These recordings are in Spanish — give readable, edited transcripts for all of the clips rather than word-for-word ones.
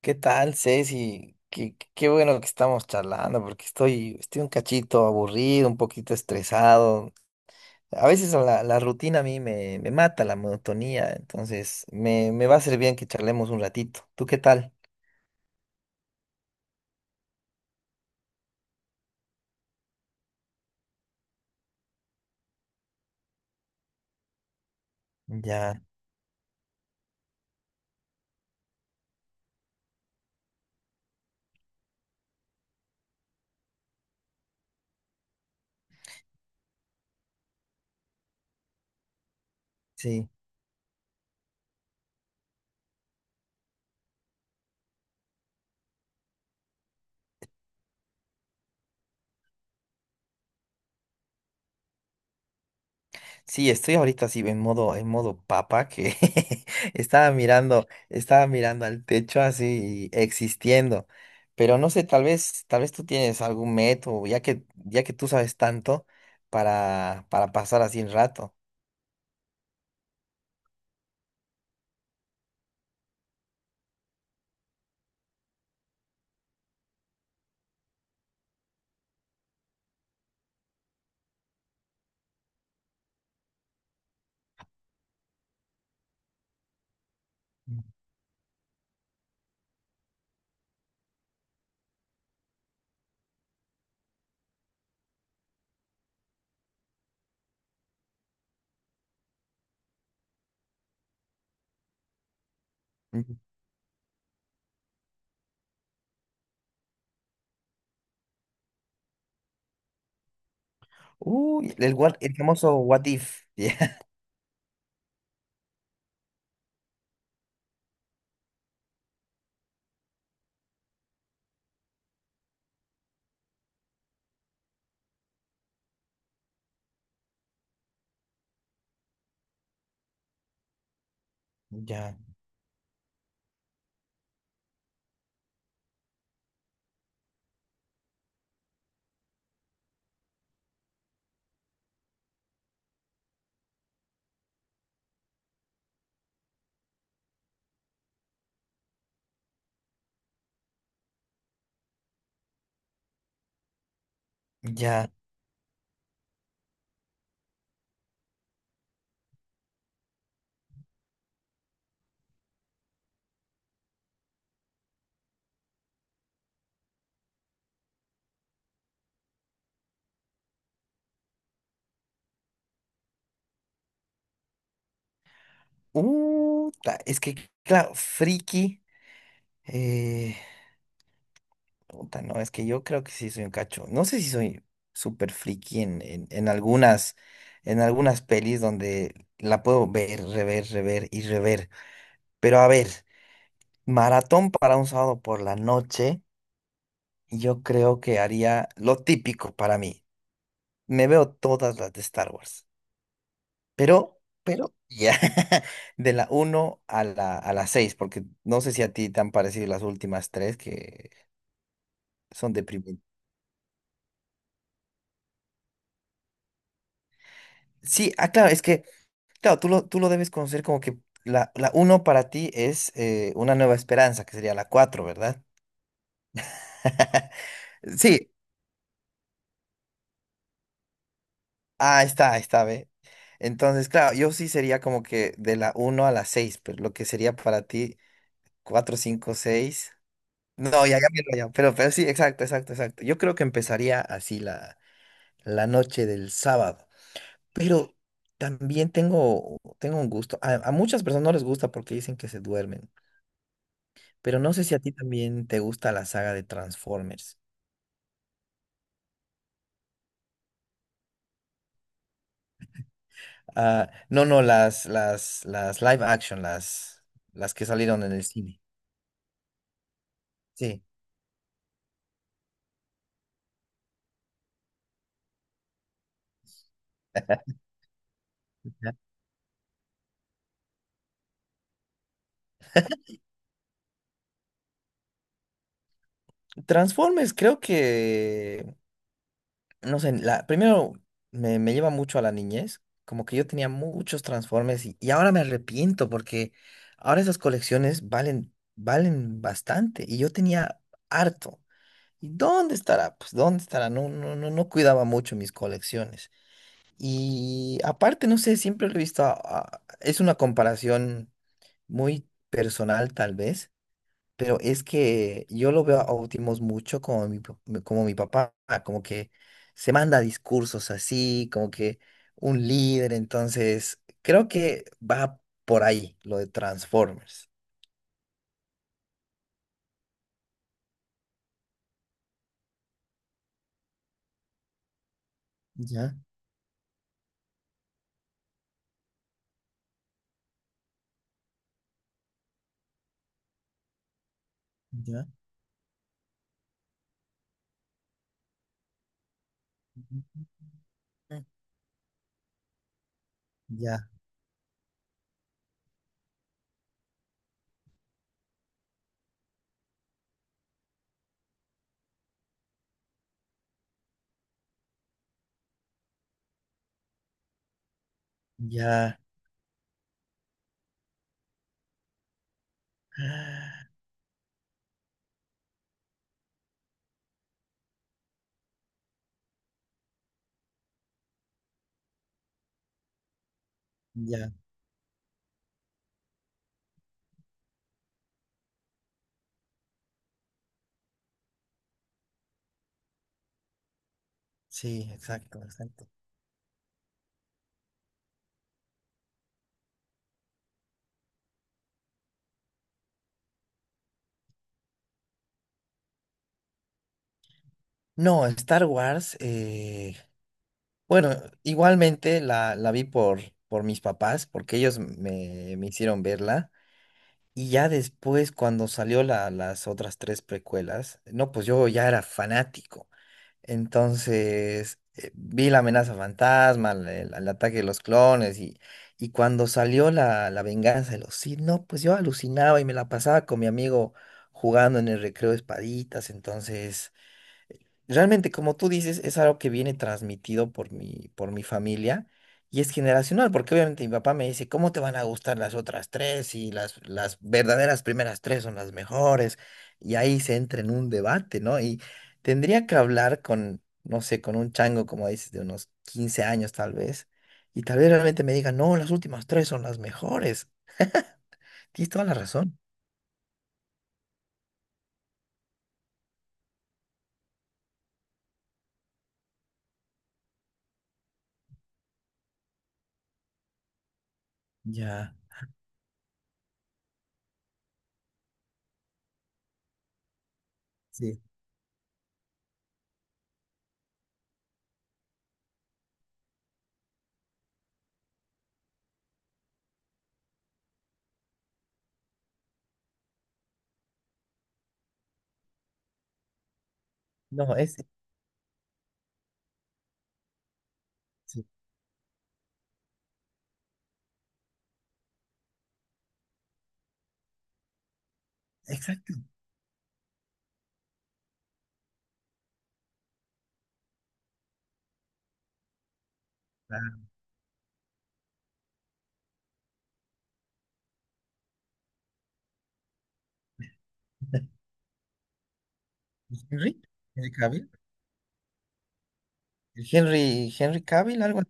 ¿Qué tal, Ceci? Qué bueno que estamos charlando, porque estoy un cachito aburrido, un poquito estresado. A veces la rutina a mí me mata la monotonía, entonces me va a ser bien que charlemos un ratito. ¿Tú qué tal? Ya, sí. Sí, estoy ahorita así en modo papa que estaba mirando al techo así existiendo. Pero no sé, tal vez tú tienes algún método, ya que tú sabes tanto para pasar así el rato. Mm. Uy, el famoso what if. Ya, ya, ya. Es que, claro, friki. eh, Puta, no, es que yo creo que sí soy un cacho. No sé si soy súper friki en algunas pelis donde la puedo ver, rever, rever y rever. Pero a ver, maratón para un sábado por la noche, yo creo que haría lo típico para mí. Me veo todas las de Star Wars. Pero, ya, de la uno a la 6 porque no sé si a ti te han parecido las últimas tres que son deprimentes. Sí, ah, claro, es que claro, tú lo debes conocer como que la uno para ti es una nueva esperanza, que sería la 4, ¿verdad? Sí, ah, está, ahí está, ve. Entonces, claro, yo sí sería como que de la uno a la 6, pero lo que sería para ti 4, 5, 6. No, ya, ya, ya, ya, pero sí, exacto, exacto, exacto. Yo creo que empezaría así la noche del sábado, pero también tengo un gusto. A muchas personas no les gusta porque dicen que se duermen. Pero no sé si a ti también te gusta la saga de Transformers. Ah, no, no, las live action, las que salieron en el cine. Sí. Ya. Transformers, creo que, no sé, primero me lleva mucho a la niñez, como que yo tenía muchos Transformers y ahora me arrepiento porque ahora esas colecciones valen, valen bastante y yo tenía harto. ¿Y dónde estará? Pues dónde estará, no, no, no, no cuidaba mucho mis colecciones. Y aparte, no sé, siempre lo he visto, es una comparación muy personal tal vez, pero es que yo lo veo a Optimus mucho como mi papá, como que se manda discursos así, como que un líder, entonces creo que va por ahí lo de Transformers. Ya, ya, ujú, ya, ya, ah, ya, sí, exacto, exacto. No, Star Wars, bueno, igualmente la vi por mis papás, porque ellos me hicieron verla. Y ya después, cuando salió las otras tres precuelas, no, pues yo ya era fanático. Entonces, vi la amenaza fantasma, el ataque de los clones, y cuando salió la venganza de los Sith, no, pues yo alucinaba y me la pasaba con mi amigo jugando en el recreo de espaditas. Entonces. Realmente, como tú dices, es algo que viene transmitido por mi familia y es generacional, porque obviamente mi papá me dice, ¿cómo te van a gustar las otras tres? Y las verdaderas primeras tres son las mejores. Y ahí se entra en un debate, ¿no? Y tendría que hablar con, no sé, con un chango, como dices, de unos 15 años tal vez, y tal vez realmente me diga, no, las últimas tres son las mejores. Tienes toda la razón. Ya, sí. No, es, sí, exacto. Ah, Henry, el El Henry, Henry Cavill, algo.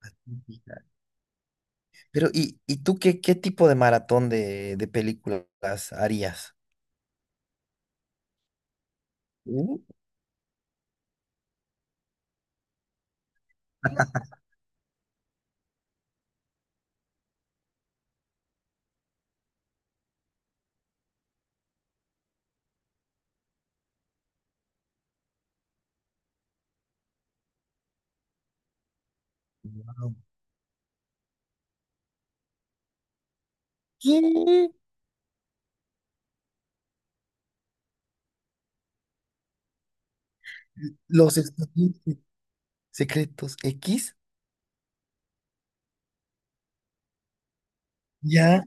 Así. Pero, ¿y tú qué tipo de maratón de películas harías? Uh, wow. ¿Qué? Los expedientes secretos X, ya,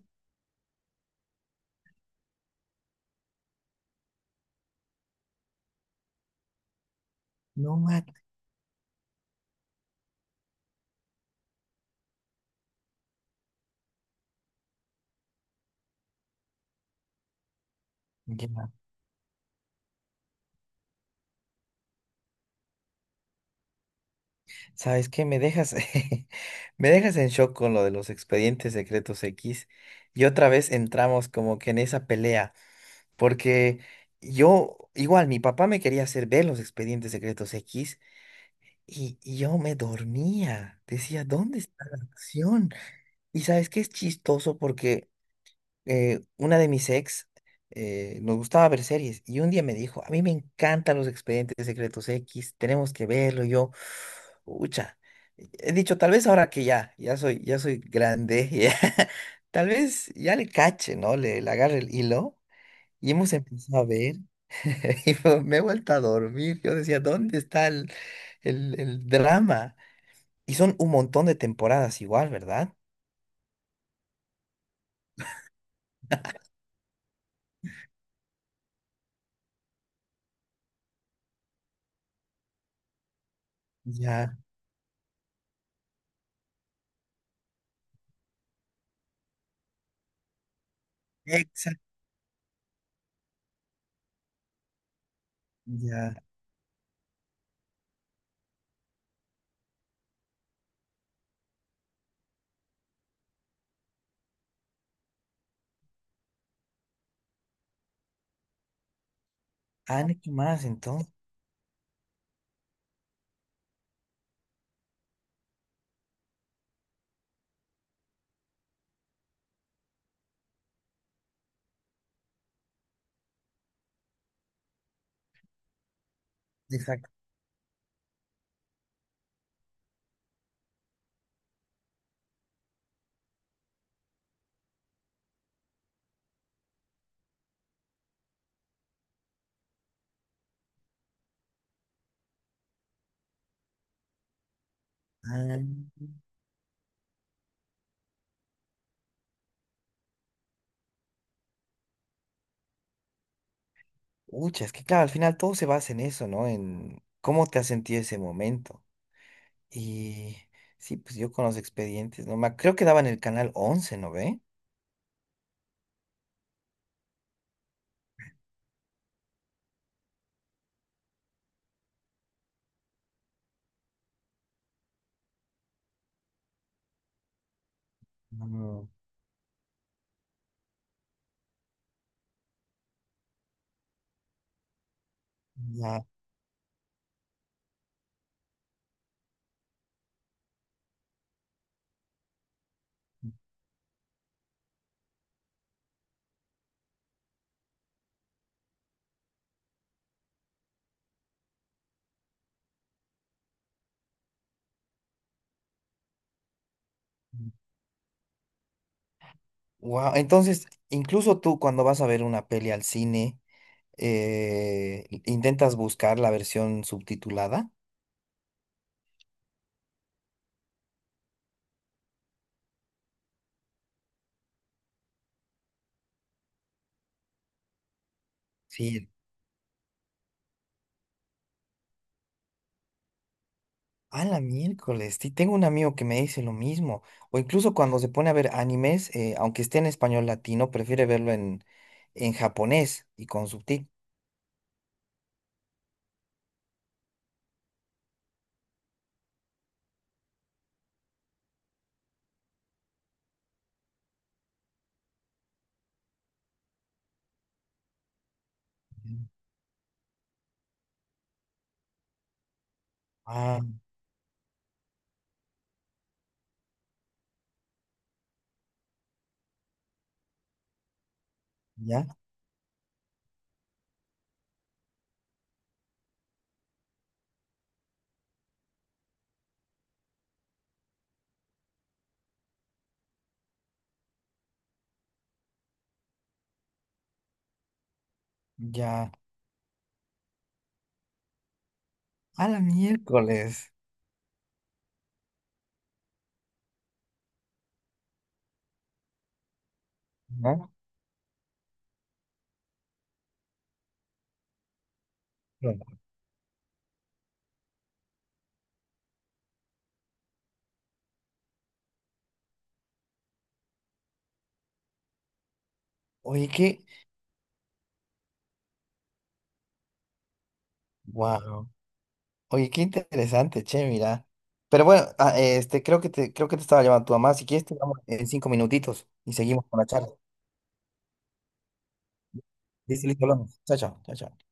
no mata. Ya. ¿Sabes qué? Me dejas, me dejas en shock con lo de los expedientes secretos X. Y otra vez entramos como que en esa pelea, porque yo, igual, mi papá me quería hacer ver los expedientes secretos X. Y yo me dormía, decía, ¿dónde está la acción? Y sabes qué es chistoso porque una de mis ex nos gustaba ver series y un día me dijo, a mí me encantan los expedientes secretos X, tenemos que verlo. Y yo, ucha, he dicho, tal vez ahora que ya soy grande, ya, tal vez ya le cache, ¿no? Le agarre el hilo y hemos empezado a ver. Y me he vuelto a dormir. Yo decía, ¿dónde está el drama? Y son un montón de temporadas igual, ¿verdad? Ya, exacto, ya. Ah, ¿no? ¿Qué más entonces? Exacto. Ah, ucha, es que claro, al final todo se basa en eso, ¿no? En cómo te has sentido ese momento. Y sí, pues yo con los expedientes, ¿no? Creo que daban el canal 11, ¿no ve? Mm, ya. Wow, entonces, incluso tú cuando vas a ver una peli al cine, intentas buscar la versión subtitulada. Sí, a la miércoles, sí, tengo un amigo que me dice lo mismo. O incluso cuando se pone a ver animes, aunque esté en español latino, prefiere verlo en japonés y con subtítulos. Ah, ya, ya. A la miércoles. ¿No? Bueno, oye, qué. Wow. Oye, qué interesante, che, mira. Pero bueno, creo que te estaba llamando tu mamá. Si quieres, te llamo en 5 minutitos y seguimos con la charla. Listo, listo, hablamos. Chao, chao, chao, chao.